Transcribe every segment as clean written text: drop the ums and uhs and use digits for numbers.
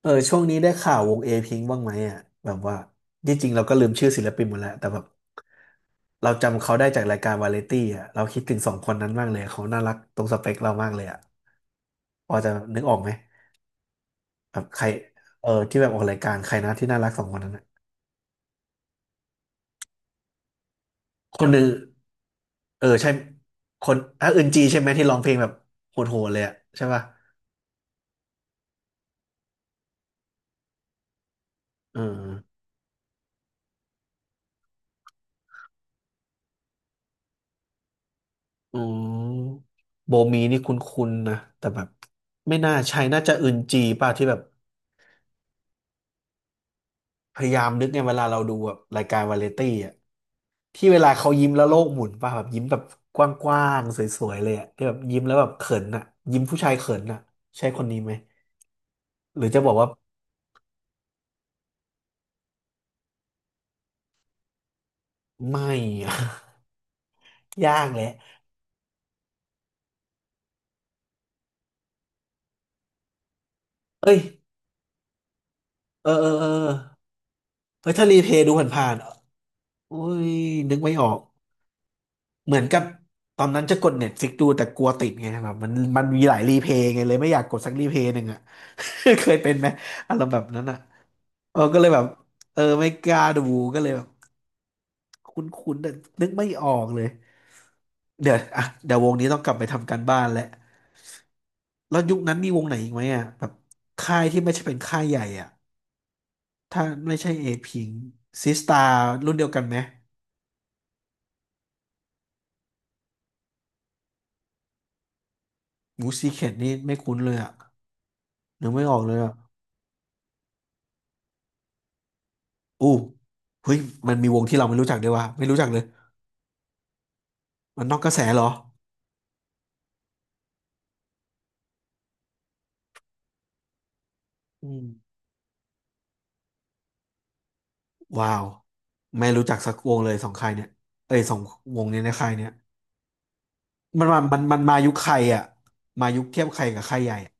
เออช่วงนี้ได้ข่าววงเอพิงบ้างไหมอ่ะแบบว่าที่จริงเราก็ลืมชื่อศิลปินหมดแล้วแต่แบบเราจำเขาได้จากรายการวาไรตี้อ่ะเราคิดถึงสองคนนั้นมากเลยเขาน่ารักตรงสเปคเรามากเลยอ่ะพอจะนึกออกไหมแบบใครเออที่แบบออกรายการใครนะที่น่ารักสองคนนั้นอะคนหนึ่งเออใช่คนอ่ะอึนจีใช่ไหมที่ร้องเพลงแบบโหดๆเลยอ่ะใช่ป่ะเอออืมโบมีนี่คุ้นๆนะแต่แบบไม่น่าใช่น่าจะอึนจีป่ะที่แบบ พยายามนึกไงเวลาเราดูแบบรายการวาไรตี้อ่ะที่เวลาเขายิ้มแล้วโลกหมุนป่ะแบบยิ้มแบบกว้างๆสวยๆเลยอ่ะที่แบบยิ้มแล้วแบบเขินอ่ะยิ้มผู้ชายเขินอ่ะใช่คนนี้ไหมหรือจะบอกว่าไม่อะ ยากแหละเอ้ยเออเฮ้ยถ้ารีเพลย์ดูผ่านๆโอ้ยนึกไม่ออก เหมือนกับตอนนั้นจะกดเน็ตฟิกดูแต่กลัวติดไงแบบมันมีหลายรีเพย์ไงเลยไม่อยากกดสักรีเพย์หนึ่งอ่ะ เคยเป็นไหมอารมณ์แบบนั้นอ่ะเออก็เลยแบบเออไม่กล้าดูก็เลยแบบคุ้นๆแต่นึกไม่ออกเลยเดี๋ยวอ่ะเดี๋ยววงนี้ต้องกลับไปทำการบ้านแล้วแล้วยุคนั้นมีวงไหนอีกไหมอ่ะแบบค่ายที่ไม่ใช่เป็นค่ายใหญ่อ่ะถ้าไม่ใช่เอพิงซิสตารุ่นเดียวกันไหมหมูซีเคทนี่ไม่คุ้นเลยอ่ะนึกไม่ออกเลยอ่ะ อู้เฮ้ยมันมีวงที่เราไม่รู้จักด้วยวะไม่รู้จักเลยมันนอกกระแสเหรออืมว้าวไม่รู้จักสักวงเลยสองค่ายเนี่ยเอ้ยสองวงนี้ในค่ายเนี่ยมันมามันมายุคใครอ่ะมายุคเทียบใครกับค่ายใหญ่อะ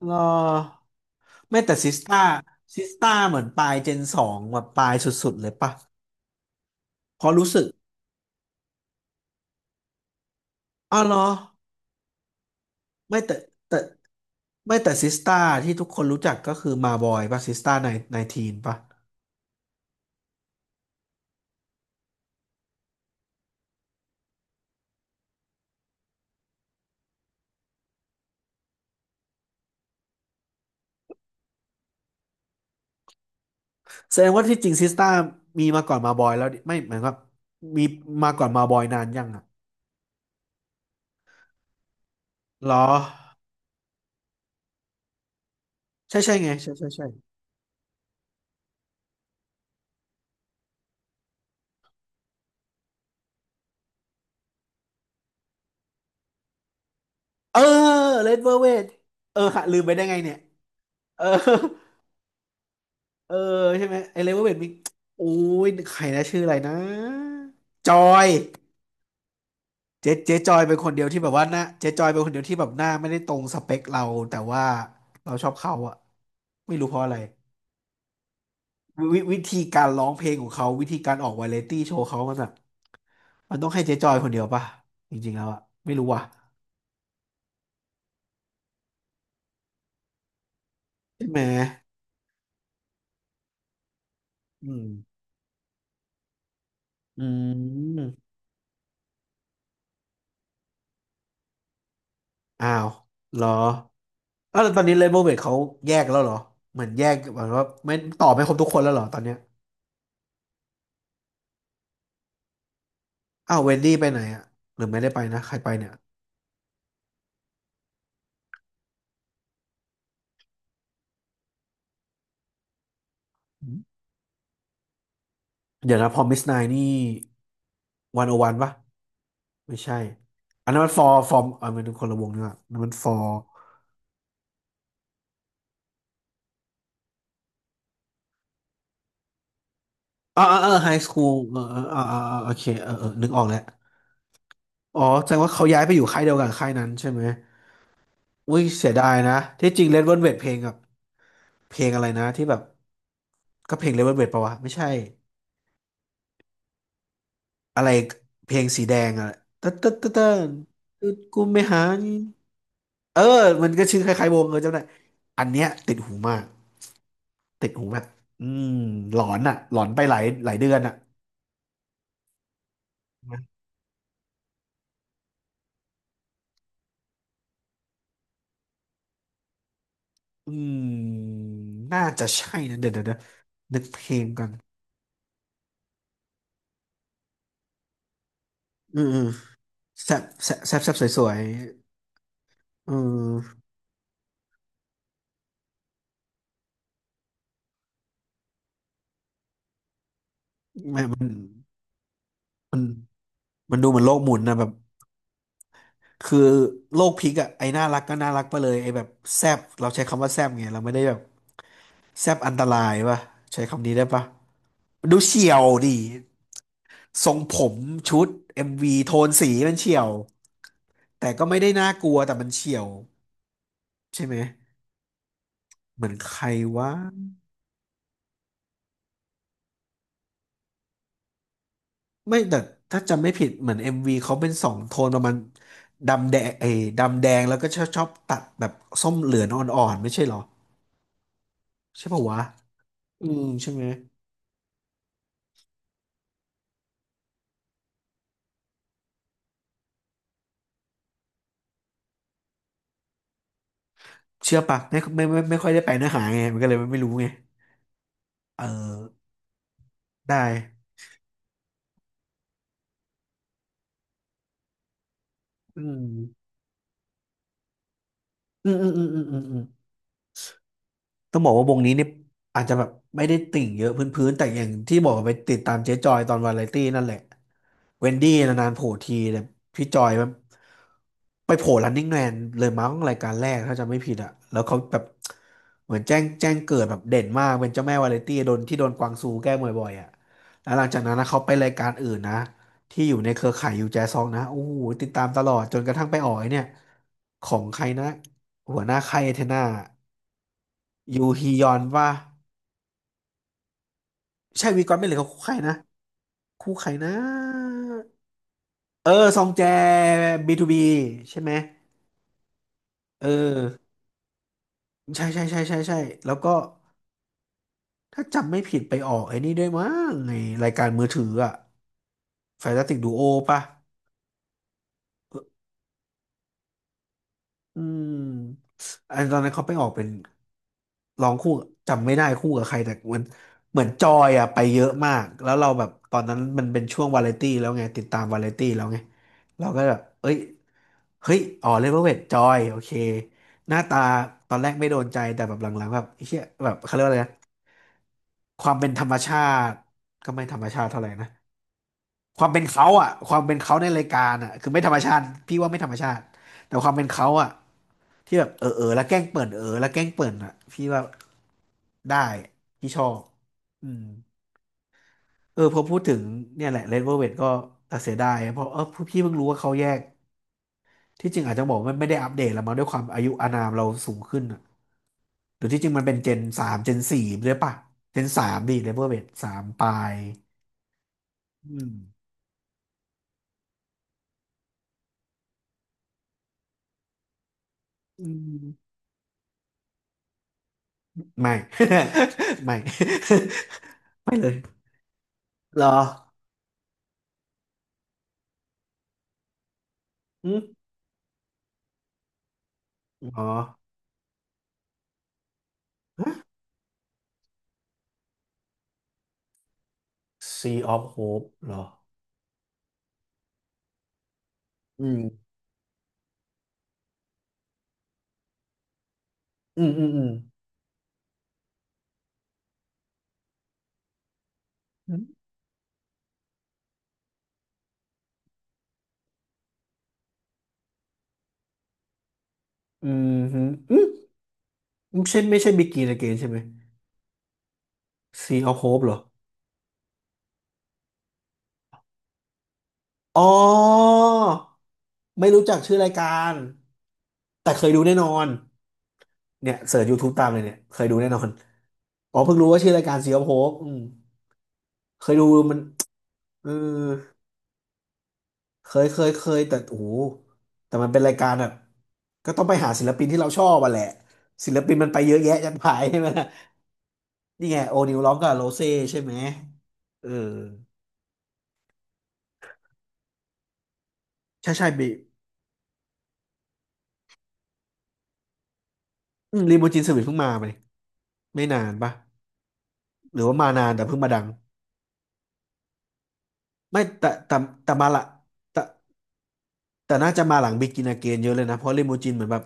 รอไม่แต่ซิสต้าซิสต้าเหมือนปลายเจนสองแบบปลายสุดๆเลยปะเพอรู้สึกอ้าวเหรอไม่แต่แต่ไม่แต่ซิสต้าที่ทุกคนรู้จักก็คือมาบอยปะซิสต้าในในทีนปะ แสดงว่าที่จริงซิสต้ามีมาก่อนมาบอยแล้วดิไม่หมายความว่ามีมาก่อนมาบอยนานยังอ่ะเหรอใช่ใช่ไงใช่เออเลดเวอร์เวทเออหะลืมไปได้ไงเนี่ยเออเออใช่ไหมไอเลดเวอร์เวทมีโอ้ยใครนะชื่ออะไรนะจอยเจ๊เจ๊จอยเป็นคนเดียวที่แบบว่าหน้าเจ๊จอยเป็นคนเดียวที่แบบหน้าไม่ได้ตรงสเปคเราแต่ว่าเราชอบเขาอะไม่รู้เพราะอะไร วิวิธีการร้องเพลงของเขาวิธีการออกวาไรตี้โชว์เขามันแบบมันต้องให้เจ๊จอยคนเดียวป่ะจริงๆแล้วอะไม่รู้ว่ะใช่ไหมอืมอืมอ้าวเหรออ้าวแล้วตอนนี้เรนโบว์เวทเขาแยกแล้วเหรอเหมือนแยกเหมือนว่าไม่ต่อไม่ครบทุกคนแล้วเหรอตอนเนี้ยอ้าวเวนดี้ไปไหนอะหรือไม่ได้ไปนะใครไปเนี่ยอืมเดี๋ยวนะพอมิสไนนี่วันโอวันปะไม่ใช่อันนั้นมันฟอร์มอันนั้นมันคนละวงนี่ว่ะอันนั้นมันฟอร์ อ่าเอาไฮสคูลเอออ่าโอเคเออนึกออกแล้วอ๋อแสดงว่าเขาย้ายไปอยู่ค่ายเดียวกันค่ายนั้นใช่ไหมอุ้ยเสียดายนะที่จริงเลดเวลเวทเพลงกับเพลงอะไรนะที่แบบก็เพลงเลดเวลเวทปะวะไม่ใช่อะไรเพลงสีแดงอะตึ๊ดตึ๊ดตึ๊ดตึ๊ดตึ๊ดกูไม่หานี่เออมันก็ชื่อคล้ายๆวงเออจำได้อันเนี้ยติดหูมากติดหูแบบอืมหลอนอะหลอนไปหลายหลายเดือนอะอืมน่าจะใช่นะเดี๋ยวนึกเพลงก่อน อืมแซบสวยๆเอืมแม่มันมันมันดูเหมือนโลกหมุนนะแบบคือโลกพลิกอะไอ้น่ารักก็น่ารักไปเลยไอ้แบบแซบเราใช้คำว่าแซบไงเราไม่ได้แบบแซบอันตรายป่ะใช้คำนี้ได้ป่ะมันดูเฉี่ยวดิทรงผมชุดเอ็มวีโทนสีมันเฉี่ยวแต่ก็ไม่ได้น่ากลัวแต่มันเฉี่ยวใช่ไหมเหมือนใครวะ ไม่แต่ถ้าจำไม่ผิดเหมือนเอ็มวีเขาเป็นสองโทนประมาณดำแดงเอ้ยดำแดงแล้วก็ชอบตัดแบบส้มเหลืองอ่อนๆไม่ใช่เหรอใช่ปะวะอืมใช่ไหมเชื่อปะไม่ไม่ค่อยได้ไปเนื้อหาไงมันก็เลยไม่รู้ไงเออได้อืมอืม ต้องบอกว่าวงนี้เนี่ยอาจจะแบบไม่ได้ติ่งเยอะพื้นๆแต่อย่างที่บอกไปติดตามเจ๊จอยตอนวาไรตี้นั่นแหละเวนดี้นานๆโผล่ทีแต่พี่จอยแบบไปโผล่ Running Man เลยมั้งรายการแรกถ้าจำไม่ผิดอะแล้วเขาแบบเหมือนแจ้งเกิดแบบเด่นมากเป็นเจ้าแม่วาไรตี้โดนกวางซูแกล้งบ่อยๆอะแล้วหลังจากนั้นนะเขาไปรายการอื่นนะที่อยู่ในเครือข่ายยูแจซองนะโอ้โหติดตามตลอดจนกระทั่งไปออกไอ้เนี่ยของใครนะหัวหน้าค่ายเอเทนา ยูฮียอนว่าใช่วีกอนไม่เหลยเขาคู่ใครนะคู่ใครนะ เออ ซองแจ B2B ใช่ไหม เออ ใช่ใช่ใช่ใช่ใช่แล้วก็ถ้าจำไม่ผิดไปออกไอ้นี่ด้วยมั้งในรายการมือถืออะ Fantastic Duo ป่ะออืมอันตอนนั้นเขาไปออกเป็นร้องคู่จำไม่ได้คู่กับใครแต่มันเหมือนจอยอะไปเยอะมาก แล้วเราแบบตอนนั้นมันเป็นช่วงวาไรตี้แล้วไงติดตามวาไรตี้แล้วไงเราก็แบบเอ้ย เฮ้ยอ๋อเลเวลเวทจอยโอเคหน้าตาตอนแรกไม่โดนใจแต่แบบหลังๆแบบไอ้เหี้ยแบบเขาเรียกว่าอะไรนะความเป็นธรรมชาติก็ไม่ธรรมชาติเท่าไหร่นะความเป็นเขาอ่ะความเป็นเขาในรายการอ่ะคือไม่ธรรมชาติพี่ว่าไม่ธรรมชาติแต่ความเป็นเขาอ่ะที่แบบเออเออแล้วแกล้งเปิดเออแล้วแกล้งเปิดอ่ะพี่ว่าได้พี่ชอบอืมเออพอพูดถึงเนี่ยแหละเลดเวลเวทก็เสียดายเพราะพี่เพิ่งรู้ว่าเขาแยก ที่จริงอาจจะบอกว่าไม่ได้อัปเดตแล้วมั้งด้วยความอายุอานามเราสูงขึ้นอะหรือที่จริงมันเป็นเจนสามเจนสี่ด้วยป่ะเจนสามดิเลเวอร์เบสสามปลายอืมอืมไม่ ไม่ ไม่เลยเหรออืมอ๋อ Sea of Hope เหรออืมอืมอืมอืมอืมอืมฮึอืมไม่ใช่ Begin Again ใช่ไหม Sea of Hope เหรออ๋อไม่รู้จักชื่อรายการแต่เคยดูแน่นอน เนี่ยเสิร์ช YouTube ตามเลยเนี่ยเคยดูแน่นอนอ๋อเพิ่งรู้ว่าชื่อรายการซีออฟโฮปอืมเคยดูมันเออเคยแต่โอ้โหแต่มันเป็นรายการแบบก็ต้องไปหาศิลปินที่เราชอบอ่ะแหละศิลปินมันไปเยอะแยะจัดไปใช่ไหมล่ะนี่ไงโอนิวร้องกับโรเซ่ใช่ไหมเออใช่ใช่บีรีโมจินสวิตเพิ่งมาไหมไม่นานปะหรือว่ามานานแต่เพิ่งมาดังไม่แต่แต่แต่มาละ แต่น่าจะมาหลังบ e กิน a เก i เยอะเลยนะเพราะลิมูจินเหมือนแบบ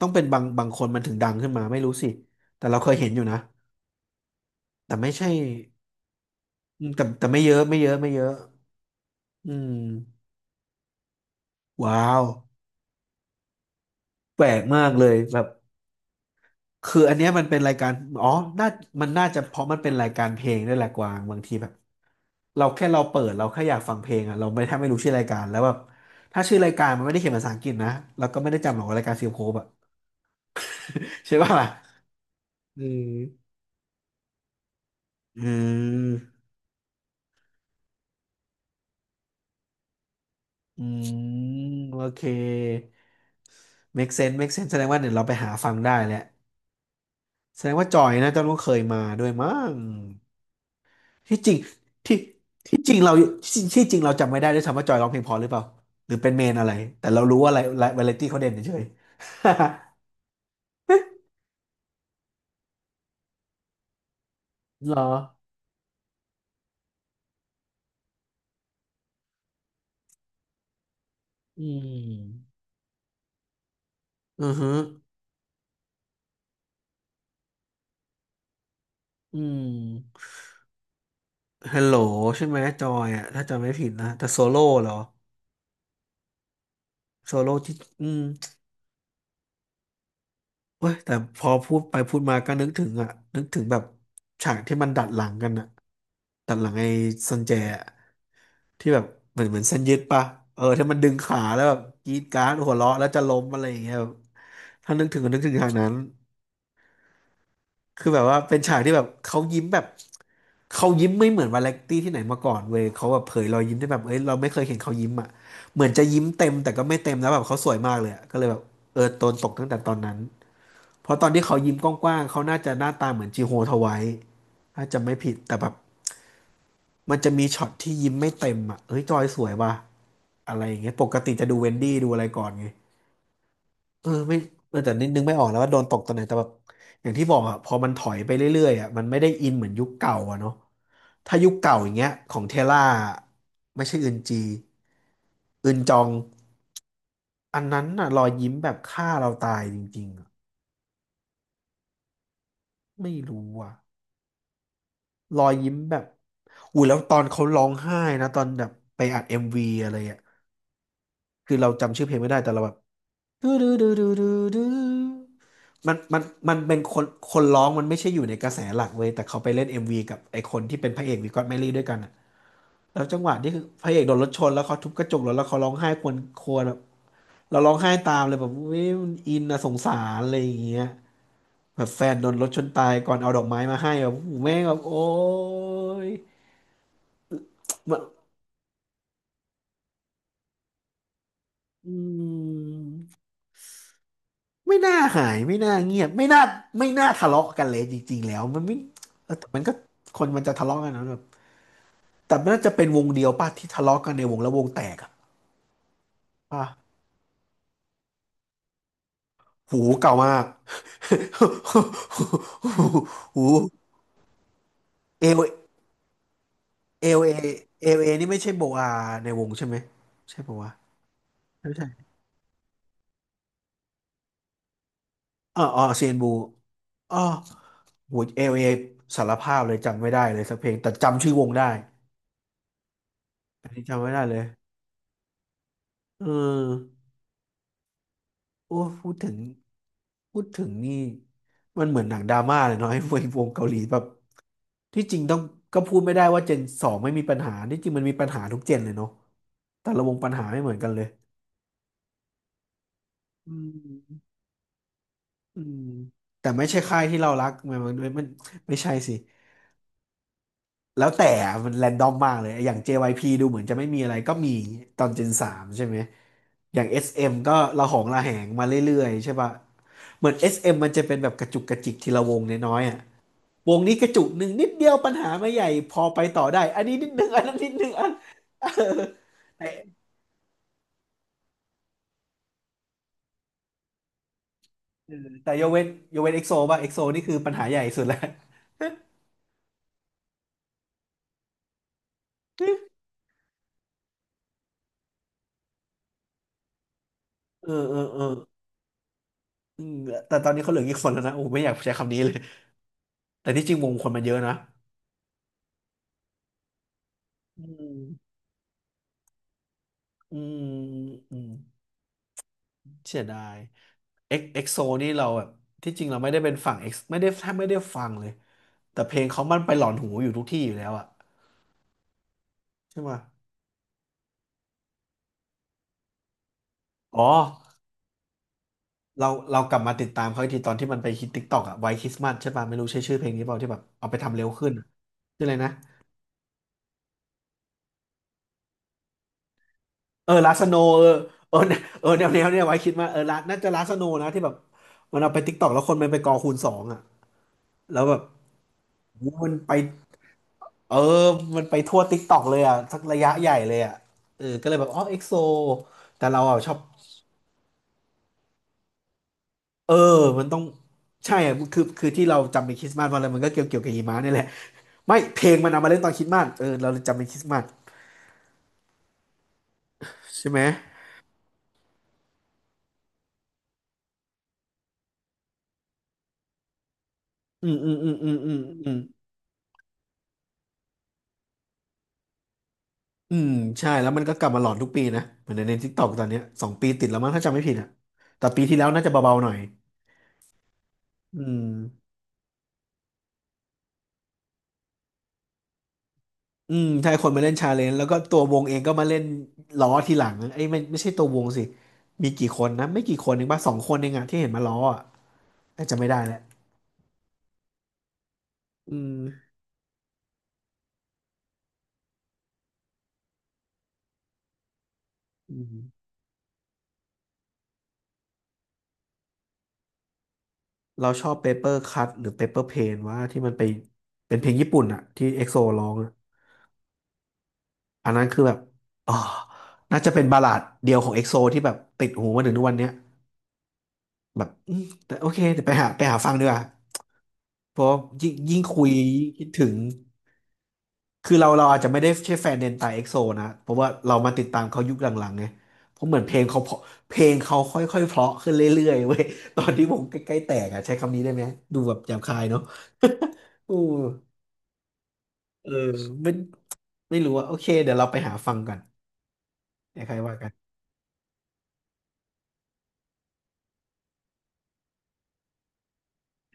ต้องเป็นบางคนมันถึงดังขึ้นมาไม่รู้สิแต่เราเคยเห็นอยู่นะแต่ไม่ใช่อืมแต่ไม่เยอะไม่เยอะไม่เยอะอืมว้าวแปลกมากเลยแบบคืออันเนี้ยมันเป็นรายการอ๋อน่ามันน่าจะเพราะมันเป็นรายการเพลงด้วยแหละกวางบางทีแบบเราแค่อยากฟังเพลงอ่ะเราไม่แทบไม่รู้ชื่อรายการแล้วแบบถ้าชื่อรายการมันไม่ได้เขียนภาษาอังกฤษนะเราก็ไม่ได้จำหรอกว่ารายการฟิลโคบอ่ะ ใช่ป่ะล่ะอืมอืม อืมโอเค make sense make sense แสดงว่าเดี๋ยวเราไปหาฟังได้แหละแสดงว่าจอยนะเจ้ารู้เคยมาด้วยมั้งที่จริงที่ที่จริงเราทีที่จริงเราจำไม่ได้ด้วยซ้ำว่าจอยร้องเพลงเพอหรือเปล่าหรือเป็นเมนอะไรแต่เรารู้ว่าอะไรวาไรตี้เขาเด่นเฉยๆ เหรออืมอือฮึอืมฮัลโหลใช่ไหมจอยอ่ะถ้าจำไม่ผิดนะแต่โซโล่เหรอโซโล่ที่อืม เว้ยแต่พอพูดไปพูดมาก็นึกถึงอะนึกถึงแบบฉากที่มันดัดหลังกันอะดัดหลังไอ้ซันแจอะที่แบบเหมือนเส้นยึดปะเออที่มันดึงขาแล้วแบบกรีดกราร์ดหัวเราะแล้วจะล้มอะไรอย่างเงี้ยแบบถ้านึกถึงก็นึกถึงฉากนั้นคือแบบว่าเป็นฉากที่แบบเขายิ้มแบบเขายิ้มไม่เหมือนวาเลนตี้ที่ไหนมาก่อนเว้ยเขาแบบเผยรอยยิ้มได้แบบเอ้ยเราไม่เคยเห็นเขายิ้มอะเหมือนจะยิ้มเต็มแต่ก็ไม่เต็มแล้วแบบเขาสวยมากเลยอะก็เลยแบบเออโดนตกตั้งแต่ตอนนั้น เพราะตอนที่เขายิ้มกว้างๆเขาน่าจะหน้าตาเหมือนจีโฮทไว้ถ้าจำไม่ผิดแต่แบบมันจะมีช็อตที่ยิ้มไม่เต็มอ่ะเฮ้ยจอยสวยว่ะอะไรอย่างเงี้ยปกติจะดูเวนดี้ดูอะไรก่อนไงเออไม่แต่นิดนึงไม่ออกแล้วว่าโดนตกตอนไหนแต่แบบอย่างที่บอกอ่ะพอมันถอยไปเรื่อยๆอ่ะมันไม่ได้อินเหมือนยุคเก่าอ่ะเนาะถ้ายุคเก่าอย่างเงี้ยของเทล่าไม่ใช่อึนจีอึนจองอันนั้นน่ะรอยยิ้มแบบฆ่าเราตายจริงๆอะไม่รู้อ่ะ รอยยิ้มแบบอุ้ยแล้วตอนเขาร้องไห้นะตอนแบบไปอัดเอ็มวีอะไรอ่ะคือเราจำชื่อเพลงไม่ได้แต่เราแบบดูดูดูดูดูดูมันมันเป็นคนร้องมันไม่ใช่อยู่ในกระแสหลักเว้ยแต่เขาไปเล่นเอ็มวีกับไอคนที่เป็นพระเอกวีก็อตแมรี่ด้วยกันอ่ะแล้วจังหวะที่คือพระเอกโดนรถชนแล้วเขาทุบกระจกรถแล้วเขาร้องไห้ครวญครวญแบบเราร้องไห้ตามเลยแบบเว้ยมันอินนะสงสารอะไรอย่างเงี้ยแบบแฟนโดนรถชนตายก่อนเอาดอกไม้มาให้แบบโอ้โหแม่งแบบโอ้ย อืมไม่น่าหายไม่น่าเงียบไม่น่าไม่น่าทะเลาะกันเลยจริงๆแล้วมันไม่เออแต่มันก็คนมันจะทะเลาะกันนะแบบแต่มันน่าจะเป็นวงเดียวป่ะที่ทะเลาะกันในวงแล้ววงแตกอะป่ะหูเก่ามาก หูเอลเอลเอเอลเอนี่ไม่ใช่โบอาในวงใช่ไหมใช่ปะวะไม่ใช่อ๋ออ๋อเซียนบูอ๋อหูเอลเอสารภาพเลยจำไม่ได้เลยสักเพลงแต่จำชื่อวงได้อันนี้จำไม่ได้เลย เออโอ้พูดถึงพูดถึงนี่ มันเหมือนหนังดราม่าเลยเนาะไอ้วงเกาหลีแบบที่จริงต้องก็พูดไม่ได้ว่าเจนสองไม่มีปัญหา ที่จริงมันมีปัญหาทุกเจนเลยเนาะแต่ละวงปัญหาไม่เหมือนกันเลยอืมอืมแต่ไม่ใช่ค่ายที่เรารักมันไม่ใช่สิ แล้วแต่มันแรนดอมมากเลยอย่าง JYP ดูเหมือนจะไม่มีอะไรก็มีตอน Gen 3ใช่ไหมอย่าง SM ก็ระหองระแหงมาเรื่อยๆใช่ป่ะเหมือน SM มมันจะเป็นแบบกระจุกกระจิกทีละวงน้อยๆอ่ะวงนี้กระจุกหนึ่งนิดเดียวปัญหาไม่ใหญ่พอไปต่อได้ อันนี้นิดหนึ่ง อันนั้นนิดหนึ่งอันเออแต่เออแต่ยกเว้นเอ็กโซป่ะเอ็กโซนี่คือปัญหาใหญ่สุดแล้ว เออเออเอออืมแต่ตอนนี้เขาเหลือกี่คนแล้วนะโอ้ไม่อยากใช้คำนี้เลยแต่ที่จริงวงคนมันเยอะนะอืม อืมอืมเสียดายเอ็กโซนี่เราแบบที่จริงเราไม่ได้เป็นฝั่งเอ็กไม่ได้แทบไม่ได้ฟังเลยแต่เพลงเขามันไปหลอนหูอยู่ทุกที่อยู่แล้วอะใช่ไหมอ๋อเรากลับมาติดตามเขาอีกทีตอนที่มันไปฮิต t ิ k กต k อกอะไวท์คริสต์มาสใช่ป่ะไม่รู้ใช่ชื่อเพลงนี้เปล่าที่แบบเอาไปทำเร็วขึ้นอะชื่ออะไรนะเออลาสโนเออเออเนี่ยเออแนวเนี่ยไว้คริสต์มาสเออลาน่าจะลาสโนนะที่แบบมันเอาไปติ k กต k อกแล้วคนมันไปกอคูณสองอะแล้วแบบโอ้โหมันไป เออมันไปทั่วติ๊กต็อกเลยอ่ะสักระยะใหญ่เลยอ่ะเออก็เลยแบบอ๋อเอ็กโซแต่เราอ่ะชอบเออมันต้องใช่อ่ะคือที่เราจำเป็นคริสต์มาสมาเลยมันก็เกี่ยวกับหิมะนี่แหละไม่เพลงมันเอามาเล่นตอนคริสต์มาสเออเราเลยจำเป็นคริสต์มาสใช่ไหมอืมอืมอืมอืมอืมอืมอืมใช่แล้วมันก็กลับมาหลอนทุกปีนะเหมือนในทิกตอกตอนเนี้ยสองปีติดแล้วมั้งถ้าจำไม่ผิดอ่ะแต่ปีที่แล้วน่าจะเบาๆหน่อยอืม อืมใช่คนมาเล่นชาเลนจ์แล้วก็ตัววงเองก็มาเล่นล้อทีหลังไอ้ยไม่ไม่ใช่ตัววงสิมีกี่คนนะไม่กี่คนเองป่ะสองคนเองอะที่เห็นมาล้ออะแต่จะไม่ได้แล้วอืมอืมเราชอบเปเปอร์คัทหรือเปเปอร์เพนว่าที่มันไปเป็นเพลงญี่ปุ่นอะที่เอ็กโซร้องอะอันนั้นคือแบบอ๋อน่าจะเป็นบัลลาดเดียวของเอ็กโซที่แบบติดหูมาถึงทุกวันเนี้ยแบบอืมแต่โอเคเดี๋ยวไปหาฟังดีกว่าเพราะยิ่งคุยยิ่งคิดถึง คือเราอาจจะไม่ได้ใช่แฟนเดนไตเอ็กโซนะเพราะว่าเรามาติดตามเขายุคหลังๆไงเพราะเหมือนเพลงเขาเพราะเพลงเขาค่อยๆเพราะขึ้นเรื่อยๆเว้ย ตอนที่ผมใกล้ๆแตกอ่ะใช้คำนี้ได้ไหมดูแบบหยาบคายเนาะ อู้เออไม่ไม่รู้ว่าโอเคเดี๋ยวเราไปหาฟังกันเดี๋ยวใครว่ากัน